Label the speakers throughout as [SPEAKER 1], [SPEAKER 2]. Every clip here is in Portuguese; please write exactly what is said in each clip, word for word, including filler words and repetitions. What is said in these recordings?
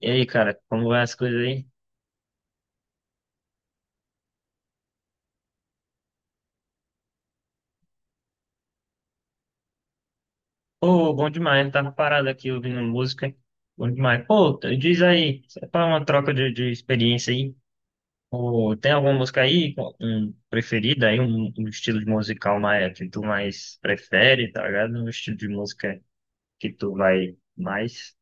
[SPEAKER 1] E aí, cara, como vai as coisas aí? Pô, bom demais, né? Tava parado aqui ouvindo música. Bom demais. Pô, t- diz aí, para uma troca de, de experiência aí. Pô, tem alguma música aí um, um preferida aí, um, um estilo de musical mais, que tu mais prefere, tá ligado? Um estilo de música que tu vai mais,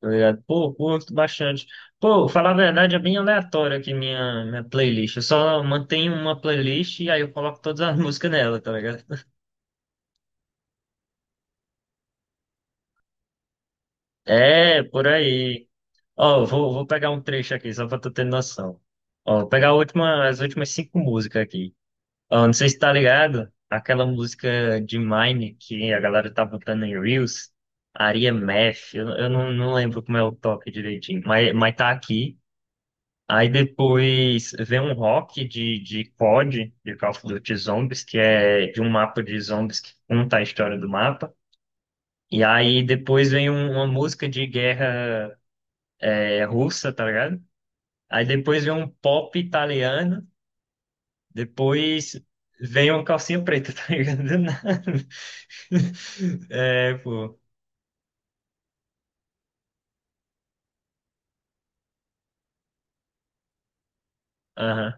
[SPEAKER 1] tá ligado? Pô, curto bastante. Pô, falar a verdade, é bem aleatório aqui minha, minha playlist. Eu só mantenho uma playlist e aí eu coloco todas as músicas nela, tá ligado? É, por aí. Ó, vou, vou pegar um trecho aqui, só pra tu ter noção. Ó, vou pegar a última, as últimas cinco músicas aqui. Ó, não sei se tá ligado, aquela música de Mine que a galera tá botando em Reels, Aria Math, eu, eu não, não lembro como é o toque direitinho, mas, mas tá aqui. Aí depois vem um rock de, de C O D, de Call of Duty Zombies, que é de um mapa de zombies que conta a história do mapa. E aí depois vem um- uma música de guerra é, russa, tá ligado? Aí depois vem um pop italiano, depois vem uma calcinha preta, tá ligado? Do nada. É, pô. Aham.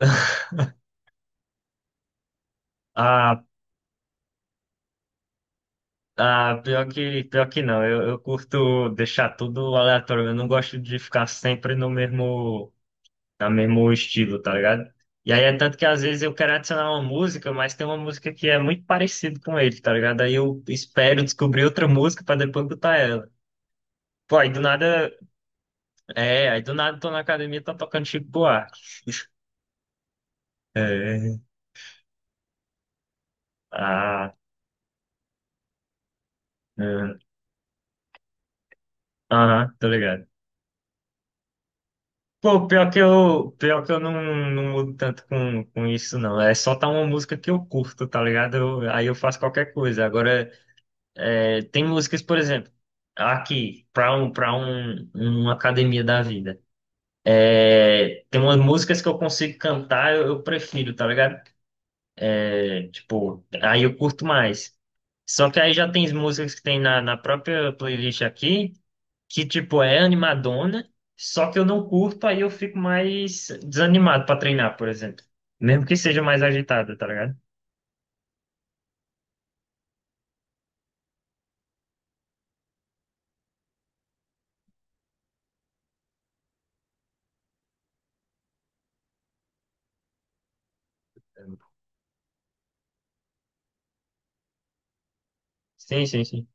[SPEAKER 1] Ah, ah, pior que, pior que não. Eu, eu curto deixar tudo aleatório. Eu não gosto de ficar sempre no mesmo, no mesmo estilo, tá ligado? E aí é tanto que às vezes eu quero adicionar uma música, mas tem uma música que é muito parecida com ele, tá ligado? Aí eu espero descobrir outra música pra depois botar ela. Pô, aí do nada É, aí do nada tô na academia e tá tocando Chico Buarque. É. Ah, é. Aham, tô ligado. Pô, pior que eu, pior que eu não, não mudo tanto com, com isso, não. É só tá uma música que eu curto, tá ligado? Eu- aí eu faço qualquer coisa. Agora, é, tem músicas, por exemplo, aqui, pra, um, pra um, uma academia da vida. É, tem umas músicas que eu consigo cantar, eu, eu prefiro, tá ligado? É, tipo, aí eu curto mais. Só que aí já tem as músicas que tem na, na própria playlist aqui, que tipo, é animadona, só que eu não curto, aí eu fico mais desanimado pra treinar, por exemplo. Mesmo que seja mais agitada, tá ligado? Sim, sim, sim.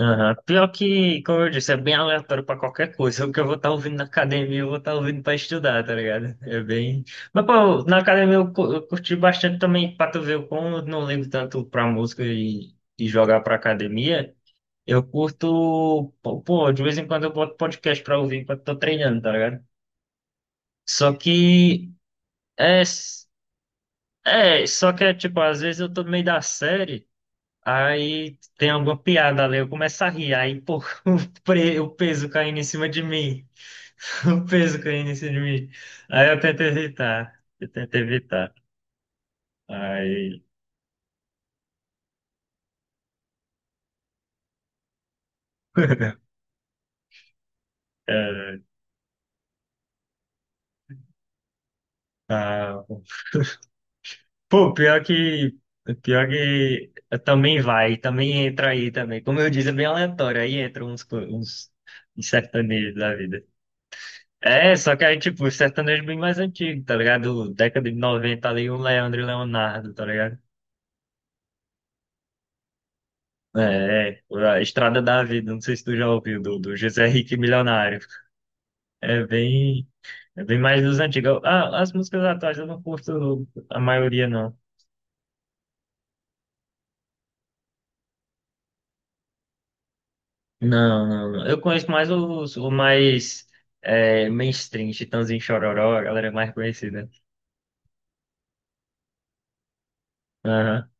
[SPEAKER 1] Aham. Pior que, como eu disse, é bem aleatório pra qualquer coisa. O que eu vou estar ouvindo na academia, eu vou estar ouvindo pra estudar, tá ligado? É bem. Mas, pô, na academia eu, cu- eu curti bastante também, pra tu ver como eu não ligo tanto pra música e, e jogar pra academia. Eu curto, pô, pô, de vez em quando eu boto podcast pra ouvir enquanto tô treinando, tá ligado? Só que, é, é, Só que é tipo, às vezes eu tô no meio da série. Aí tem alguma piada ali, eu começo a rir, aí pô, o, pre- o peso caindo em cima de mim, o peso caindo em cima de mim. Aí eu tento evitar, eu tento evitar. Aí. é, ah, pô, pior que. Pior que também vai, também entra aí também. Como eu disse, é bem aleatório, aí entra uns, co- uns, uns sertanejos da vida. É, só que aí, tipo, sertanejo bem mais antigo, tá ligado? Década de noventa ali, um Leandro e Leonardo, tá ligado? É, é, a Estrada da Vida, não sei se tu já ouviu, do, do José Henrique Milionário. É bem, é bem mais dos antigos. Ah, as músicas atuais eu não curto a maioria, não. Não, não, não. Eu conheço mais os, o mais é, mainstream, Chitãozinho e Chororó, a galera mais conhecida. Aham.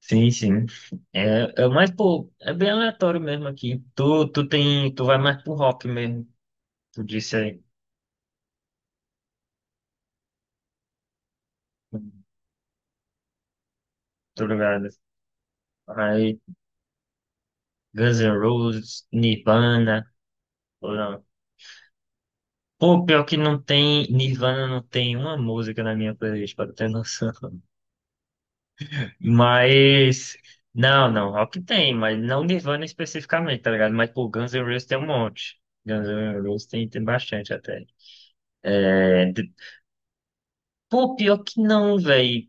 [SPEAKER 1] Sim, sim. É, é mais, pô, é bem aleatório mesmo aqui. Tu, tu tem, tu vai mais pro rock mesmo, tu disse aí. Tô ligado. Aí, Guns N' Roses, Nirvana. Ou não? Pô, pior que não tem, Nirvana não tem uma música na minha playlist, pra ter noção. Mas, não, não, rock tem, mas não Nirvana especificamente, tá ligado? Mas, pô, Guns N' Roses tem um monte. Guns N' Roses tem, tem bastante até. É, de- pô, pior que não, velho.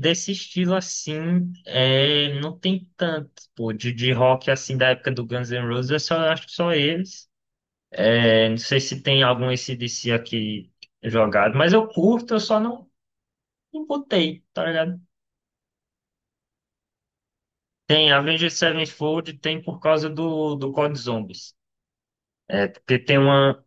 [SPEAKER 1] Desse estilo assim, é, não tem tanto, pô, de, de rock assim da época do Guns N' Roses, eu só acho que só eles. É, não sei se tem algum A C/D C aqui jogado, mas eu curto, eu só não e botei, tá ligado? Tem Avengers Sevenfold, tem por causa do, do Code Zombies. É, porque tem uma.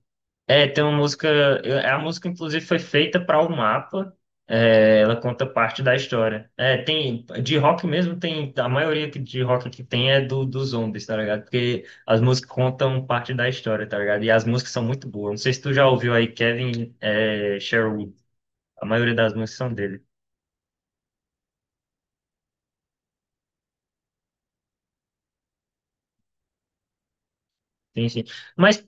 [SPEAKER 1] É, tem uma música. é, A música, inclusive, foi feita para o mapa. É, ela conta parte da história. É, tem. De rock mesmo, tem. A maioria que- de rock que tem é do, dos zombies, tá ligado? Porque as músicas contam parte da história, tá ligado? E as músicas são muito boas. Não sei se tu já ouviu aí Kevin é, Sherwood. A maioria das músicas são dele. Sim, sim. Mas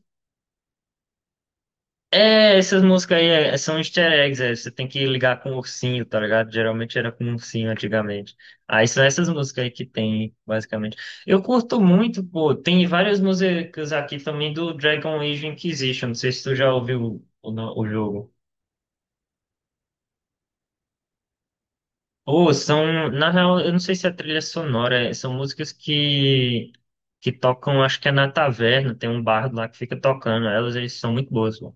[SPEAKER 1] É, essas músicas aí é- são easter eggs, é, você tem que ligar com o ursinho, tá ligado? Geralmente era com o ursinho antigamente. Aí são essas músicas aí que tem, basicamente. Eu curto muito, pô, tem várias músicas aqui também do Dragon Age Inquisition, não sei se tu já ouviu o, no- o jogo. Ou são, na real, eu não sei se é trilha sonora, é, são músicas que, que tocam, acho que é na taverna, tem um bardo lá que fica tocando, elas, eles são muito boas, pô.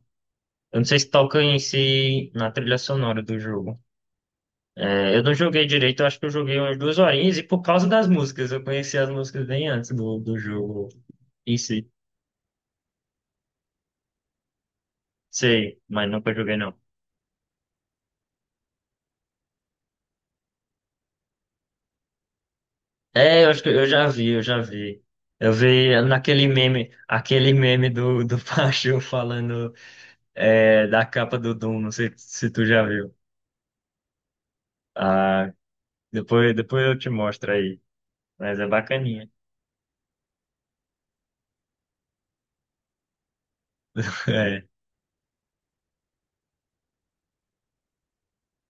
[SPEAKER 1] Eu não sei se toca em si na trilha sonora do jogo. É, eu não joguei direito, eu acho que eu joguei umas duas horinhas e por causa das músicas, eu conheci as músicas bem antes do, do jogo em si. Sei, mas nunca joguei não. É, eu acho que eu já vi, eu já vi. Eu vi naquele meme, aquele meme do, do Pacheu falando é, da capa do Doom, não sei se tu já viu. Ah, depois, depois eu te mostro aí, mas é bacaninha. É,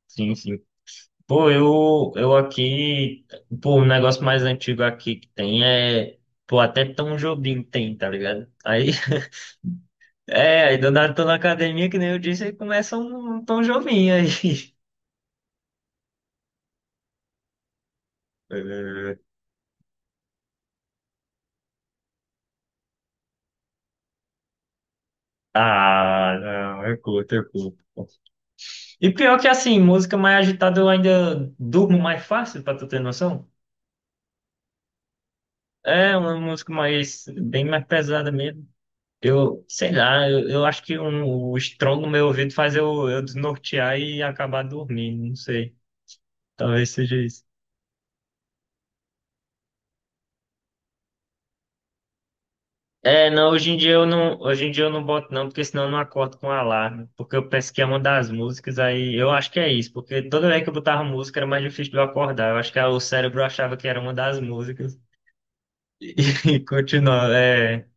[SPEAKER 1] sim, sim. Pô, eu, eu aqui, pô, o negócio mais antigo aqui que tem é, pô, até Tom Jobim tem, tá ligado? Aí, é, aí do nada tô na academia, que nem eu disse, aí começa um, um Tom Jobim aí. Eh, ah, não, eu curto, eu curto. E pior que assim, música mais agitada eu ainda durmo mais fácil, pra tu ter noção. É uma música mais, bem mais pesada mesmo. Eu, sei lá, eu, eu acho que um, o estrondo no meu ouvido faz eu, eu desnortear e acabar dormindo, não sei. Talvez seja isso. É, não, hoje em dia eu não, hoje em dia eu não boto não, porque senão eu não acordo com alarme, porque eu penso que é uma das músicas, aí eu acho que é isso, porque toda vez que eu botava música era mais difícil de eu acordar, eu acho que ah, o cérebro achava que era uma das músicas e, e continuava, é.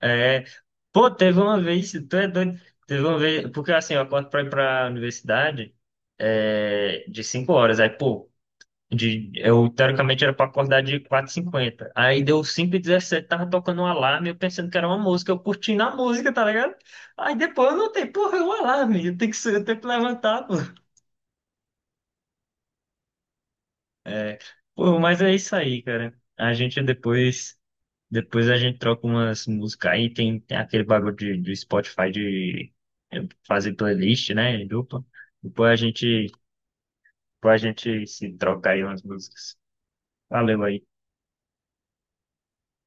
[SPEAKER 1] É, pô, teve uma vez, tu é doido, teve uma vez, porque assim, eu acordo pra ir pra universidade é, de cinco horas, aí, pô, de, eu teoricamente era pra acordar de quatro e cinquenta aí deu cinco e dezessete, tava tocando um alarme, eu pensando que era uma música, eu curtindo a música, tá ligado? Aí depois eu notei, porra, é um alarme, eu tenho que, se- eu tenho que levantar, pô. É, pô, mas é isso aí, cara, a gente depois depois a gente troca umas músicas aí, tem, tem aquele bagulho de, do Spotify de eh, fazer playlist, né? Em dupla. Depois a gente, depois a gente se troca aí umas músicas. Valeu aí.